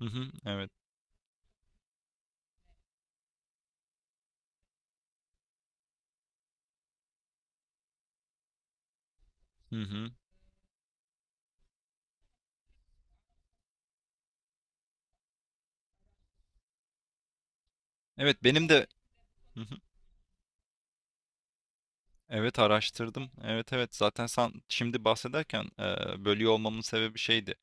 Hı hı, evet. Hı hı. Evet benim de. Hı hı. Evet, araştırdım. Evet, evet, zaten sen şimdi bahsederken bölüyor olmamın sebebi şeydi.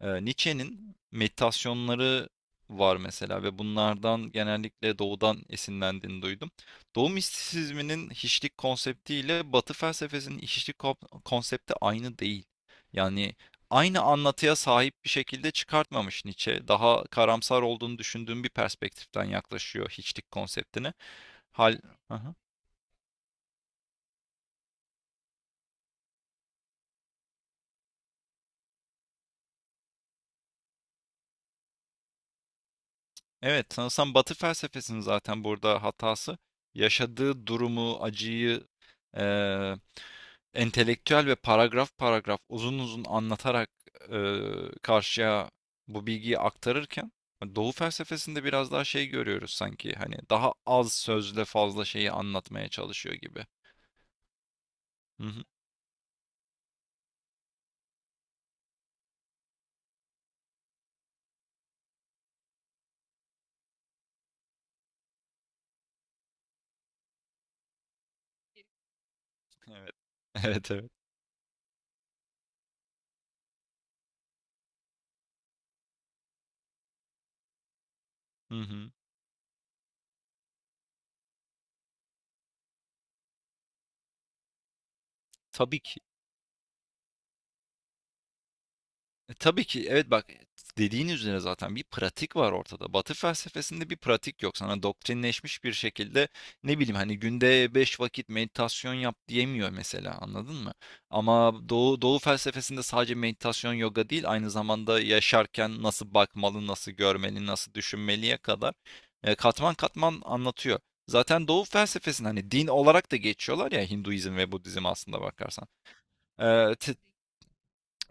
Nietzsche'nin meditasyonları var mesela ve bunlardan genellikle doğudan esinlendiğini duydum. Doğu mistisizminin hiçlik konsepti ile Batı felsefesinin hiçlik konsepti aynı değil. Yani aynı anlatıya sahip bir şekilde çıkartmamış Nietzsche. Daha karamsar olduğunu düşündüğüm bir perspektiften yaklaşıyor hiçlik konseptine. Hal... Aha. Evet, sanırsam Batı felsefesinin zaten burada hatası yaşadığı durumu, acıyı, eee, entelektüel ve paragraf paragraf uzun uzun anlatarak, karşıya bu bilgiyi aktarırken Doğu felsefesinde biraz daha şey görüyoruz sanki, hani daha az sözle fazla şeyi anlatmaya çalışıyor gibi. Hı hı. Evet. Evet, evet. Hı hı. Tabii ki. E, tabii ki. Evet, bak, dediğin üzere zaten bir pratik var ortada. Batı felsefesinde bir pratik yok. Sana doktrinleşmiş bir şekilde ne bileyim, hani günde 5 vakit meditasyon yap diyemiyor mesela, anladın mı? Ama Doğu, Doğu felsefesinde sadece meditasyon yoga değil, aynı zamanda yaşarken nasıl bakmalı, nasıl görmeli, nasıl düşünmeliye kadar katman katman anlatıyor. Zaten Doğu felsefesinde hani din olarak da geçiyorlar ya, Hinduizm ve Budizm, aslında bakarsan.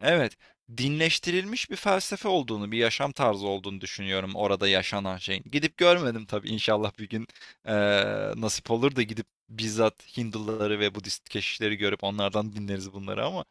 Evet, dinleştirilmiş bir felsefe olduğunu, bir yaşam tarzı olduğunu düşünüyorum orada yaşanan şeyin. Gidip görmedim tabii, inşallah bir gün eee, nasip olur da gidip bizzat Hinduları ve Budist keşişleri görüp onlardan dinleriz bunları, ama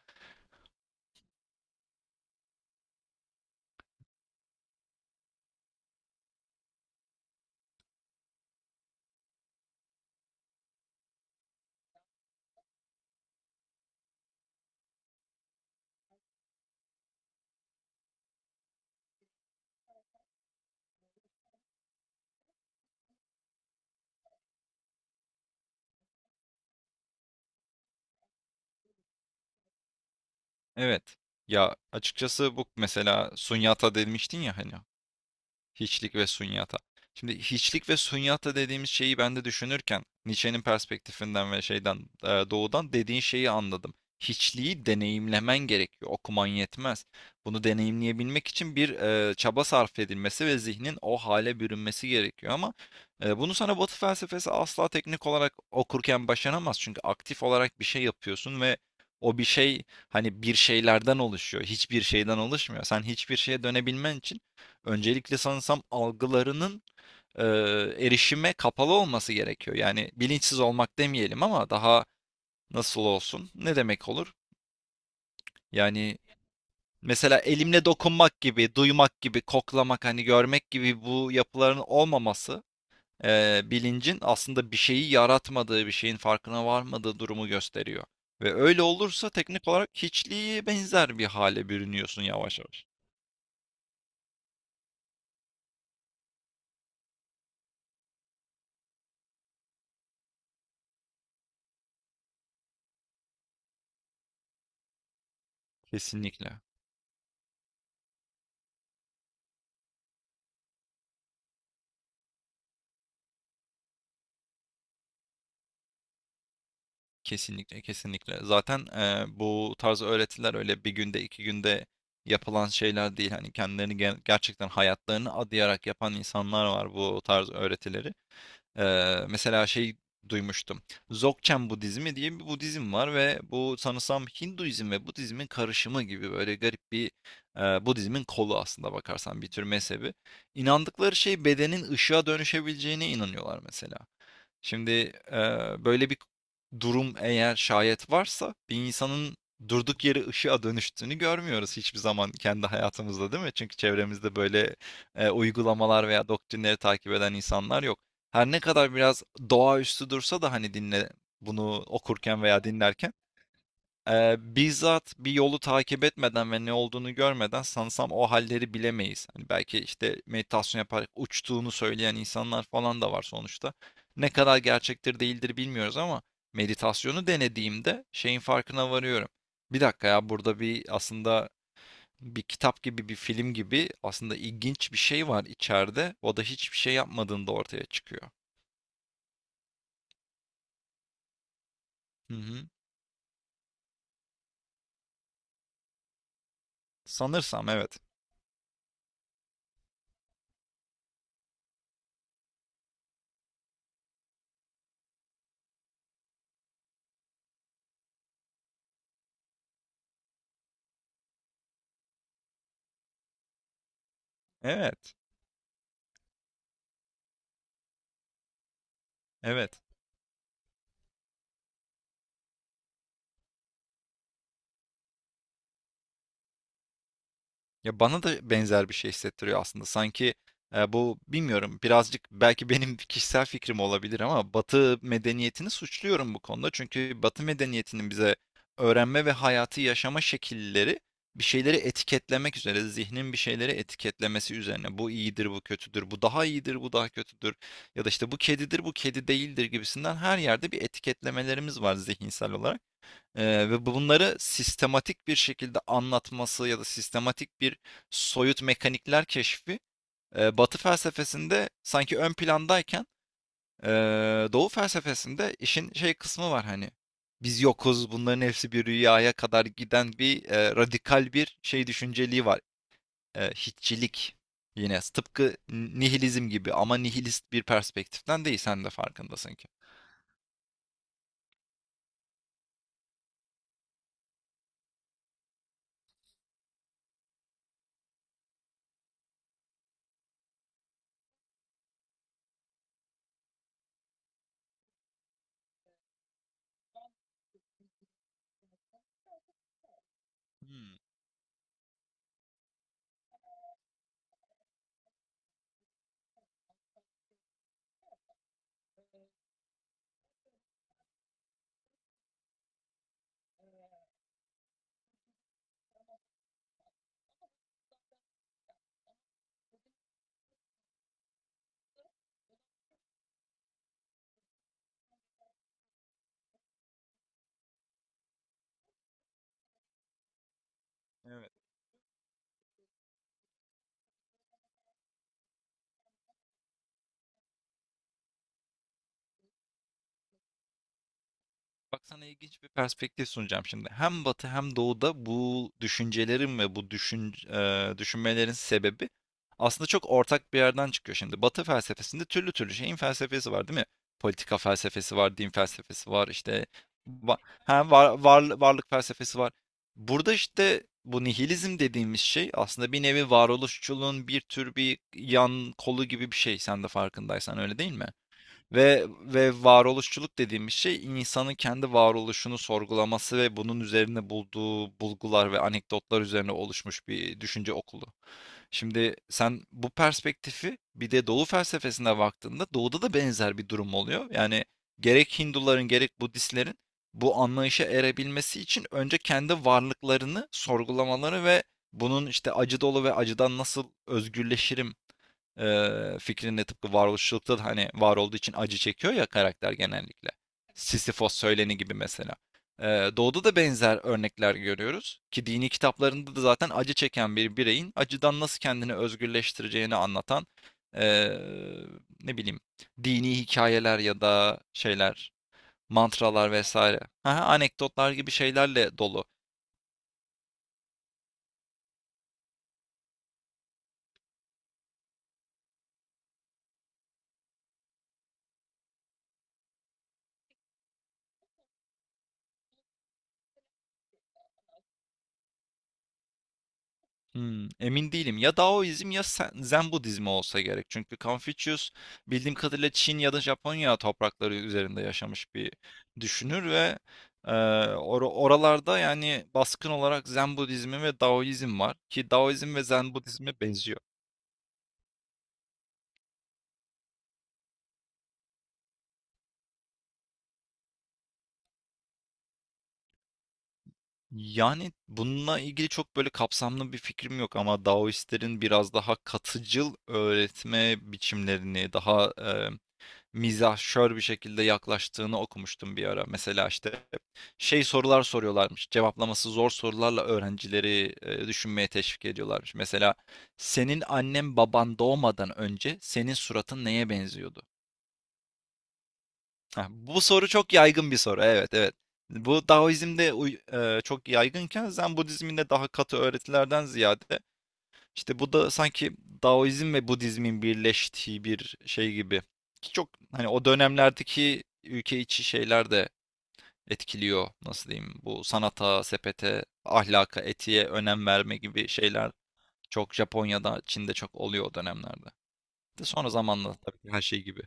evet. Ya açıkçası bu mesela sunyata demiştin ya hani. Hiçlik ve sunyata. Şimdi hiçlik ve sunyata dediğimiz şeyi ben de düşünürken Nietzsche'nin perspektifinden ve şeyden, doğudan dediğin şeyi anladım. Hiçliği deneyimlemen gerekiyor. Okuman yetmez. Bunu deneyimleyebilmek için bir çaba sarf edilmesi ve zihnin o hale bürünmesi gerekiyor ama bunu sana Batı felsefesi asla teknik olarak okurken başaramaz. Çünkü aktif olarak bir şey yapıyorsun ve o bir şey hani bir şeylerden oluşuyor. Hiçbir şeyden oluşmuyor. Sen hiçbir şeye dönebilmen için öncelikle sanırsam algılarının e, erişime kapalı olması gerekiyor. Yani bilinçsiz olmak demeyelim ama daha nasıl olsun? Ne demek olur? Yani mesela elimle dokunmak gibi, duymak gibi, koklamak, hani görmek gibi bu yapıların olmaması bilincin aslında bir şeyi yaratmadığı, bir şeyin farkına varmadığı durumu gösteriyor. Ve öyle olursa teknik olarak hiçliğe benzer bir hale bürünüyorsun yavaş yavaş. Kesinlikle. Kesinlikle, kesinlikle. Zaten, bu tarz öğretiler öyle bir günde, 2 günde yapılan şeyler değil. Hani, kendilerini gerçekten hayatlarını adayarak yapan insanlar var bu tarz öğretileri. Mesela şey duymuştum. Dzogchen Budizmi diye bir Budizm var ve bu sanırsam Hinduizm ve Budizmin karışımı gibi böyle garip bir, Budizmin kolu aslında bakarsan, bir tür mezhebi. İnandıkları şey, bedenin ışığa dönüşebileceğine inanıyorlar mesela. Şimdi böyle bir durum eğer şayet varsa, bir insanın durduk yere ışığa dönüştüğünü görmüyoruz hiçbir zaman kendi hayatımızda, değil mi? Çünkü çevremizde böyle uygulamalar veya doktrinleri takip eden insanlar yok. Her ne kadar biraz doğaüstü dursa da hani dinle, bunu okurken veya dinlerken. Bizzat bir yolu takip etmeden ve ne olduğunu görmeden sanırsam o halleri bilemeyiz. Hani belki işte meditasyon yaparak uçtuğunu söyleyen insanlar falan da var sonuçta. Ne kadar gerçektir değildir bilmiyoruz ama meditasyonu denediğimde şeyin farkına varıyorum. Bir dakika ya, burada bir aslında bir kitap gibi, bir film gibi, aslında ilginç bir şey var içeride. O da hiçbir şey yapmadığında ortaya çıkıyor. Hı hı. Sanırsam evet. Evet. Evet. Ya bana da benzer bir şey hissettiriyor aslında. Sanki, bu bilmiyorum, birazcık belki benim kişisel fikrim olabilir ama Batı medeniyetini suçluyorum bu konuda. Çünkü Batı medeniyetinin bize öğrenme ve hayatı yaşama şekilleri bir şeyleri etiketlemek üzere, zihnin bir şeyleri etiketlemesi üzerine. Bu iyidir, bu kötüdür, bu daha iyidir, bu daha kötüdür, ya da işte bu kedidir, bu kedi değildir gibisinden, her yerde bir etiketlemelerimiz var zihinsel olarak. Ve bunları sistematik bir şekilde anlatması ya da sistematik bir soyut mekanikler keşfi Batı felsefesinde sanki ön plandayken, e, Doğu felsefesinde işin şey kısmı var, hani biz yokuz, bunların hepsi bir rüyaya kadar giden bir radikal bir şey düşünceliği var, hiççilik, yine tıpkı nihilizm gibi ama nihilist bir perspektiften değil, sen de farkındasın ki. Hmm. Evet. Bak, sana ilginç bir perspektif sunacağım şimdi. Hem Batı hem Doğu'da bu düşüncelerin ve bu düşünmelerin sebebi aslında çok ortak bir yerden çıkıyor şimdi. Batı felsefesinde türlü türlü şeyin felsefesi var, değil mi? Politika felsefesi var, din felsefesi var, işte va- hem varlık felsefesi var. Burada işte bu nihilizm dediğimiz şey aslında bir nevi varoluşçuluğun bir tür bir yan kolu gibi bir şey. Sen de farkındaysan, öyle değil mi? Ve varoluşçuluk dediğimiz şey insanın kendi varoluşunu sorgulaması ve bunun üzerine bulduğu bulgular ve anekdotlar üzerine oluşmuş bir düşünce okulu. Şimdi sen bu perspektifi bir de Doğu felsefesine baktığında, Doğu'da da benzer bir durum oluyor. Yani gerek Hinduların gerek Budistlerin bu anlayışa erebilmesi için önce kendi varlıklarını sorgulamaları ve bunun işte acı dolu ve acıdan nasıl özgürleşirim, fikrinin de tıpkı varoluşçulukta da, hani var olduğu için acı çekiyor ya karakter genellikle. Sisyphos söyleni gibi mesela. Doğuda da benzer örnekler görüyoruz ki, dini kitaplarında da zaten acı çeken bir bireyin acıdan nasıl kendini özgürleştireceğini anlatan ee, ne bileyim dini hikayeler ya da şeyler, mantralar vesaire. Aha, anekdotlar gibi şeylerle dolu. Hmm, emin değilim. Ya Daoizm ya Zen Budizmi olsa gerek. Çünkü Confucius bildiğim kadarıyla Çin ya da Japonya toprakları üzerinde yaşamış bir düşünür ve oralarda yani baskın olarak Zen Budizmi ve Daoizm var ki Daoizm ve Zen Budizmi benziyor. Yani bununla ilgili çok böyle kapsamlı bir fikrim yok ama Daoistlerin biraz daha katıcıl öğretme biçimlerini, daha mizahşör bir şekilde yaklaştığını okumuştum bir ara. Mesela işte şey sorular soruyorlarmış. Cevaplaması zor sorularla öğrencileri düşünmeye teşvik ediyorlarmış. Mesela, senin annen baban doğmadan önce senin suratın neye benziyordu? Ha, bu soru çok yaygın bir soru. Evet, evet. Bu Daoizm'de çok yaygınken, Zen Budizminde daha katı öğretilerden ziyade, işte bu da sanki Daoizm ve Budizmin birleştiği bir şey gibi. Ki çok hani o dönemlerdeki ülke içi şeyler de etkiliyor. Nasıl diyeyim? Bu sanata, sepete, ahlaka, etiğe önem verme gibi şeyler çok Japonya'da, Çin'de çok oluyor o dönemlerde. De sonra zamanla tabii ki, her şey gibi.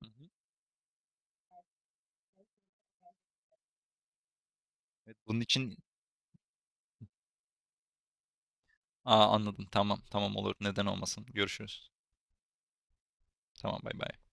Hı hı. Evet, bunun için. Aa, anladım. Tamam, tamam olur. Neden olmasın? Görüşürüz. Tamam, bay bay.